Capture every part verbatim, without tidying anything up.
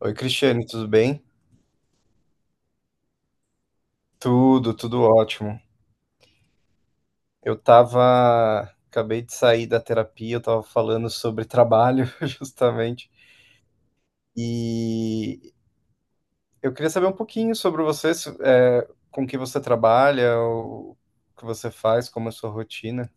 Oi, Cristiane, tudo bem? Tudo, tudo ótimo. Eu tava, Acabei de sair da terapia, eu tava falando sobre trabalho, justamente, e eu queria saber um pouquinho sobre você, se- é, com que você trabalha, o que você faz, como é a sua rotina.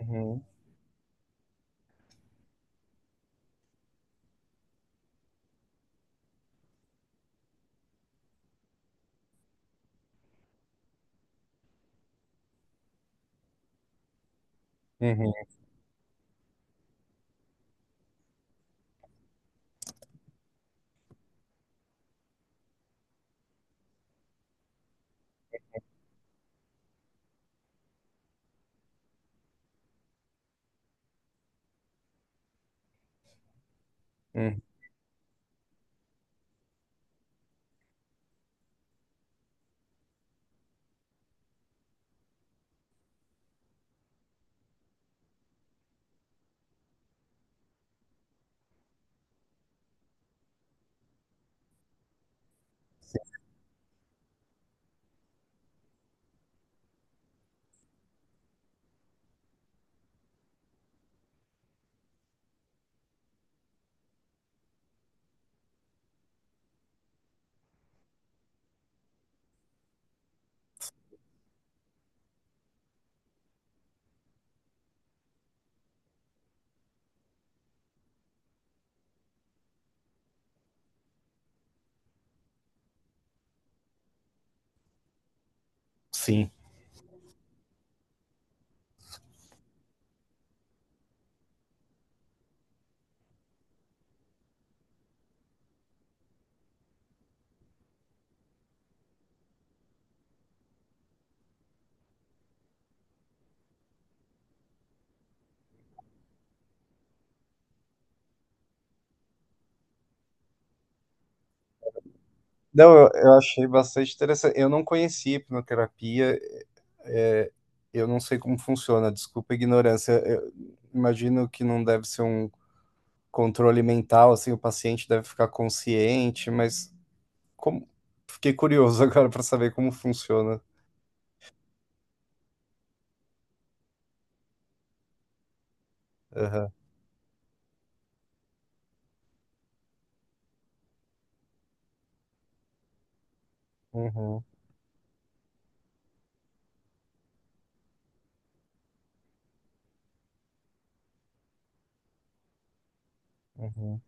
Uhum, uhum, uhum. Sim. Não, eu, eu achei bastante interessante. Eu não conhecia hipnoterapia. Eu não sei como funciona, desculpa a ignorância. Eu imagino que não deve ser um controle mental, assim, o paciente deve ficar consciente, mas como... fiquei curioso agora para saber como funciona. Aham. Uhum, uhum.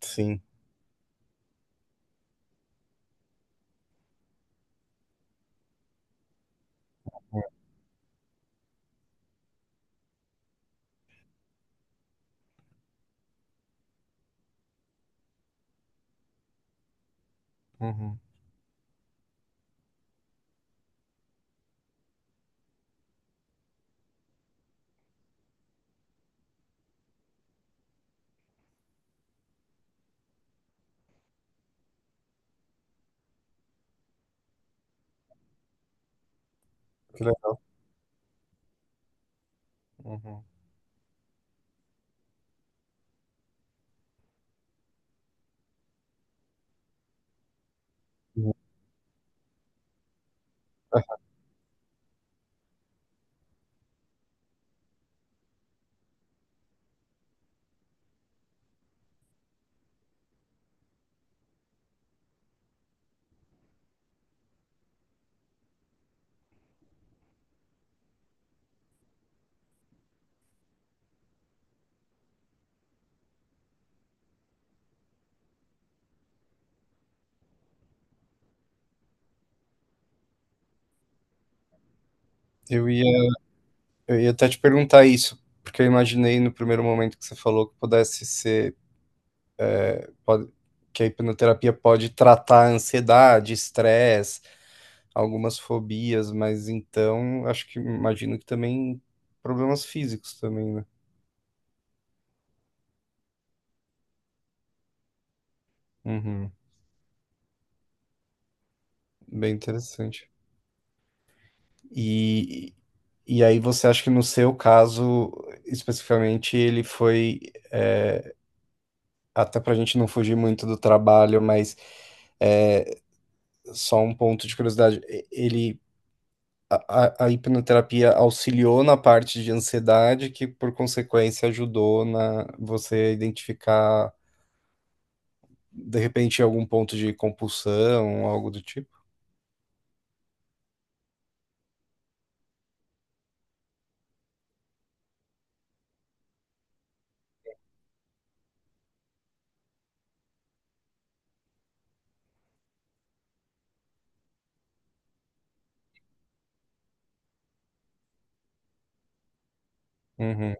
Sim. Uhum. Que Uhum. Uhum. Ah, Eu ia, eu ia até te perguntar isso, porque eu imaginei no primeiro momento que você falou que pudesse ser Pode- que a hipnoterapia pode tratar ansiedade, estresse, algumas fobias, mas então acho que imagino que também problemas físicos também, né? Uhum. Bem interessante. E, e aí você acha que no seu caso, especificamente, ele foi, é, até para a gente não fugir muito do trabalho, mas é, só um ponto de curiosidade, e- ele a, a a hipnoterapia auxiliou na parte de ansiedade, que por consequência ajudou na você a identificar de repente algum ponto de compulsão, algo do tipo. Uhum,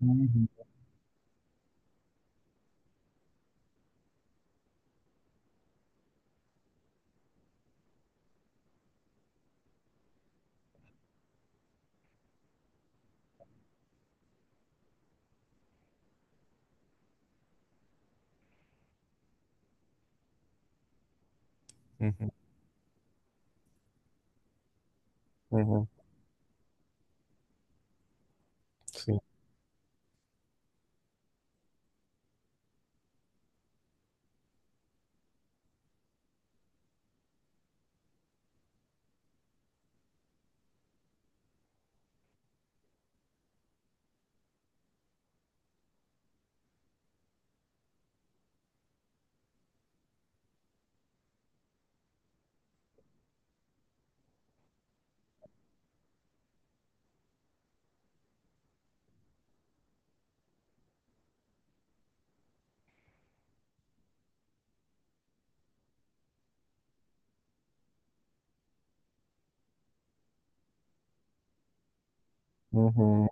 uhum. Uhum, uhum, sim. Uhum,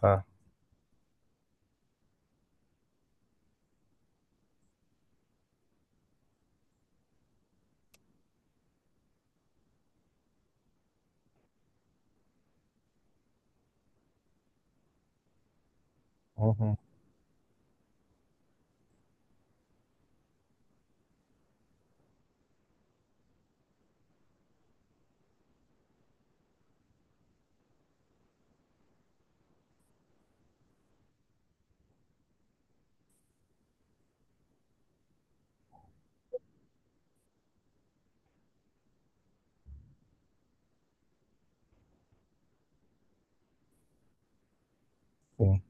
tá. Uhum, sim.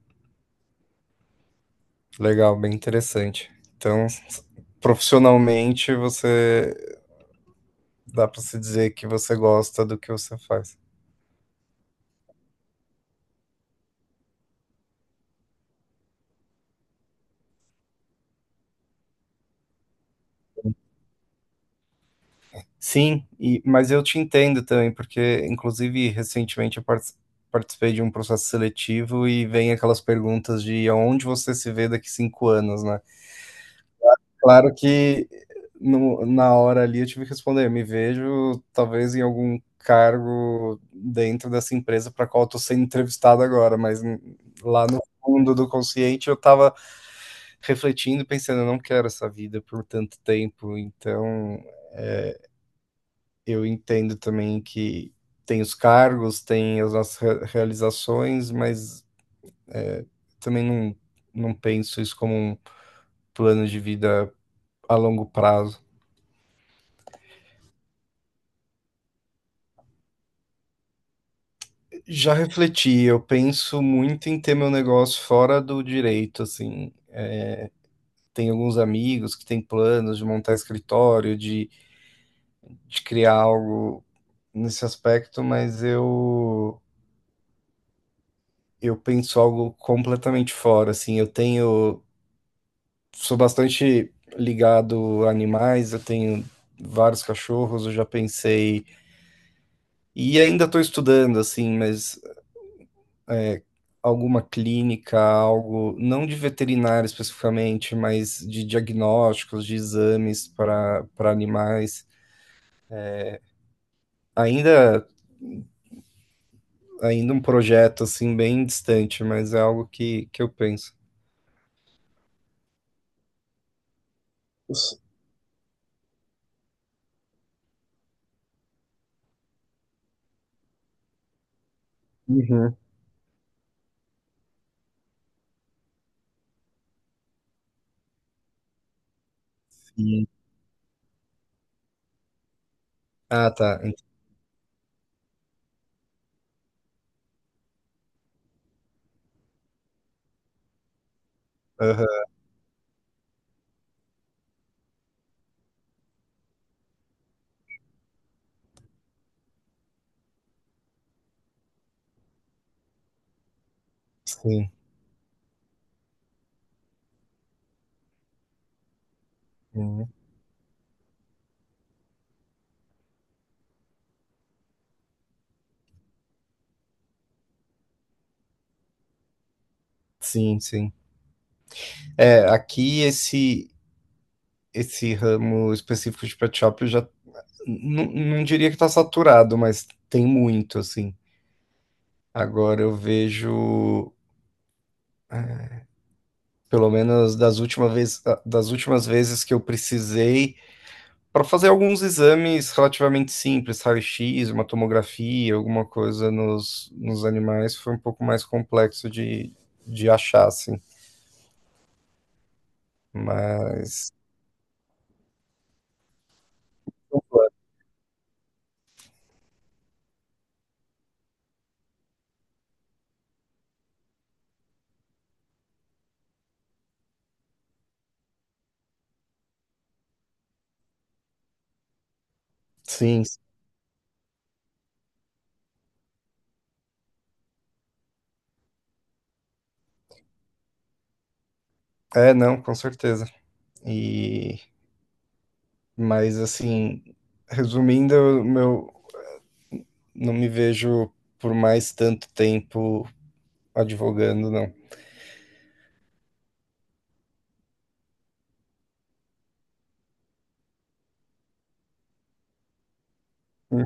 Legal, bem interessante. Então, s- profissionalmente você dá para se dizer que você gosta do que você faz. Sim, e, mas eu te entendo também, porque, inclusive, recentemente eu parti- participei de um processo seletivo e vem aquelas perguntas de aonde você se vê daqui cinco anos, né? Claro que no- na hora ali eu tive que responder, me vejo talvez em algum cargo dentro dessa empresa para qual eu estou sendo entrevistado agora, mas n- lá no fundo do consciente eu estava refletindo, pensando, eu não quero essa vida por tanto tempo, então eu entendo também que tem os cargos, tem as nossas re- realizações, mas também não, não penso isso como um plano de vida a longo prazo. Já refleti, eu penso muito em ter meu negócio fora do direito, assim. Tem alguns amigos que têm planos de montar escritório, de, de criar algo nesse aspecto, mas eu eu penso algo completamente fora, assim. Eu tenho Sou bastante ligado a animais, eu tenho vários cachorros, eu já pensei. E ainda estou estudando, assim, mas alguma clínica, algo, não de veterinário especificamente, mas de diagnósticos, de exames para para animais. Ainda, ainda um projeto, assim, bem distante, mas é algo que, que eu penso. Uhum, sim. Ah, tá. Ent- aham, sim. Uhum. Sim, sim. É, aqui esse esse ramo específico de pet shop, eu já n- não diria que tá saturado, mas tem muito, assim. Agora eu vejo, pelo menos das última vez, ah, das últimas vezes que eu precisei, para fazer alguns exames relativamente simples, raio-x, uma tomografia, alguma coisa nos, nos animais, foi um pouco mais complexo de, de achar, assim. Mas, sim, é, não, com certeza. E, mas, assim, resumindo, meu, não me vejo por mais tanto tempo advogando, não. Uhum,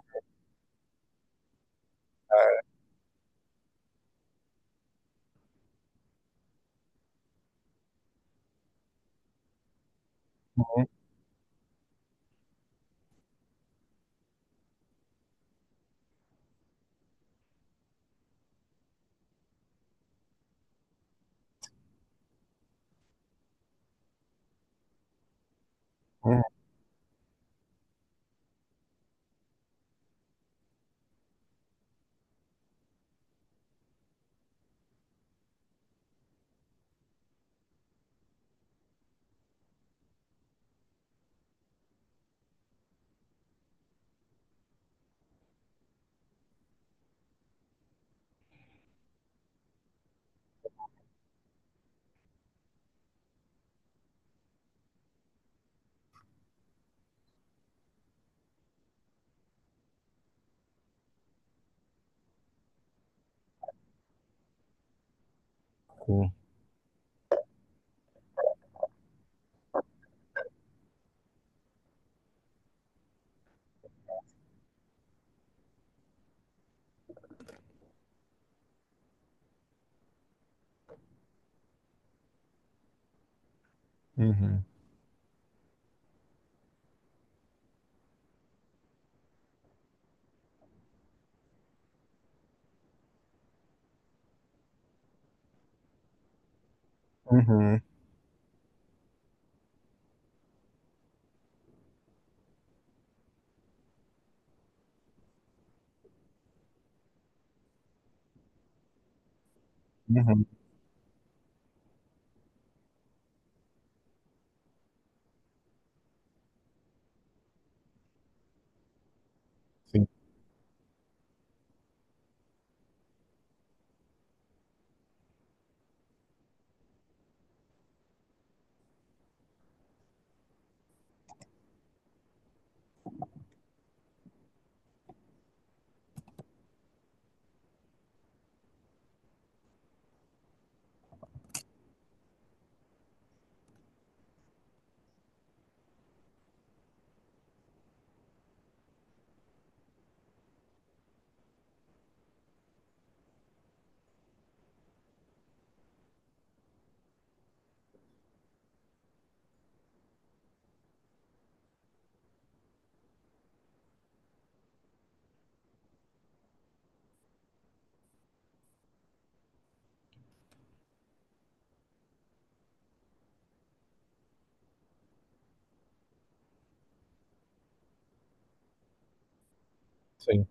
uhum, uhum, uhum, uhum, sim, sim.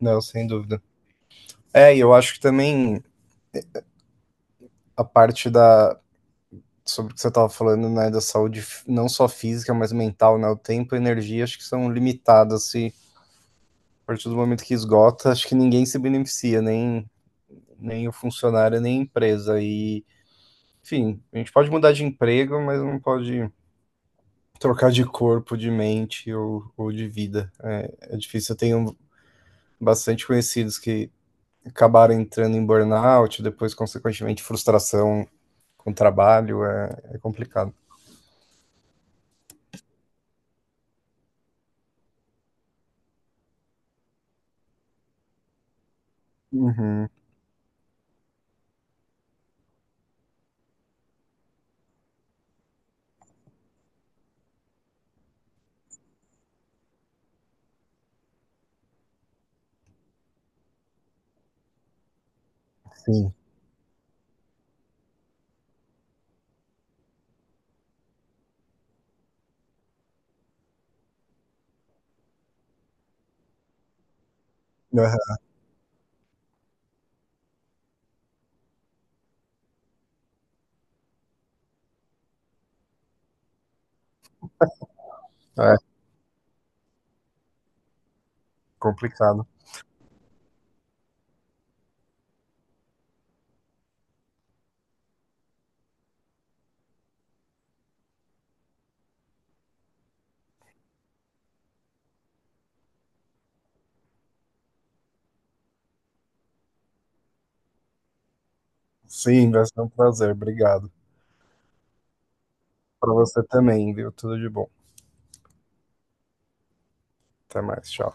Não, sem dúvida. É, e eu acho que também a parte da sobre o que você estava falando, né, da saúde f- não só física, mas mental, né, o tempo e a energia acho que são limitadas e a partir do momento que esgota, acho que ninguém se beneficia, nem nem o funcionário, nem a empresa e, enfim, a gente pode mudar de emprego, mas não pode trocar de corpo, de mente ou, ou de vida. É, é difícil. Eu tenho bastante conhecidos que acabaram entrando em burnout, depois, consequentemente, frustração com o trabalho. É, é complicado. Uhum, sim. É, é complicado. Sim, vai ser um prazer. Obrigado. Para você também, viu? Tudo de bom. Até mais. Tchau.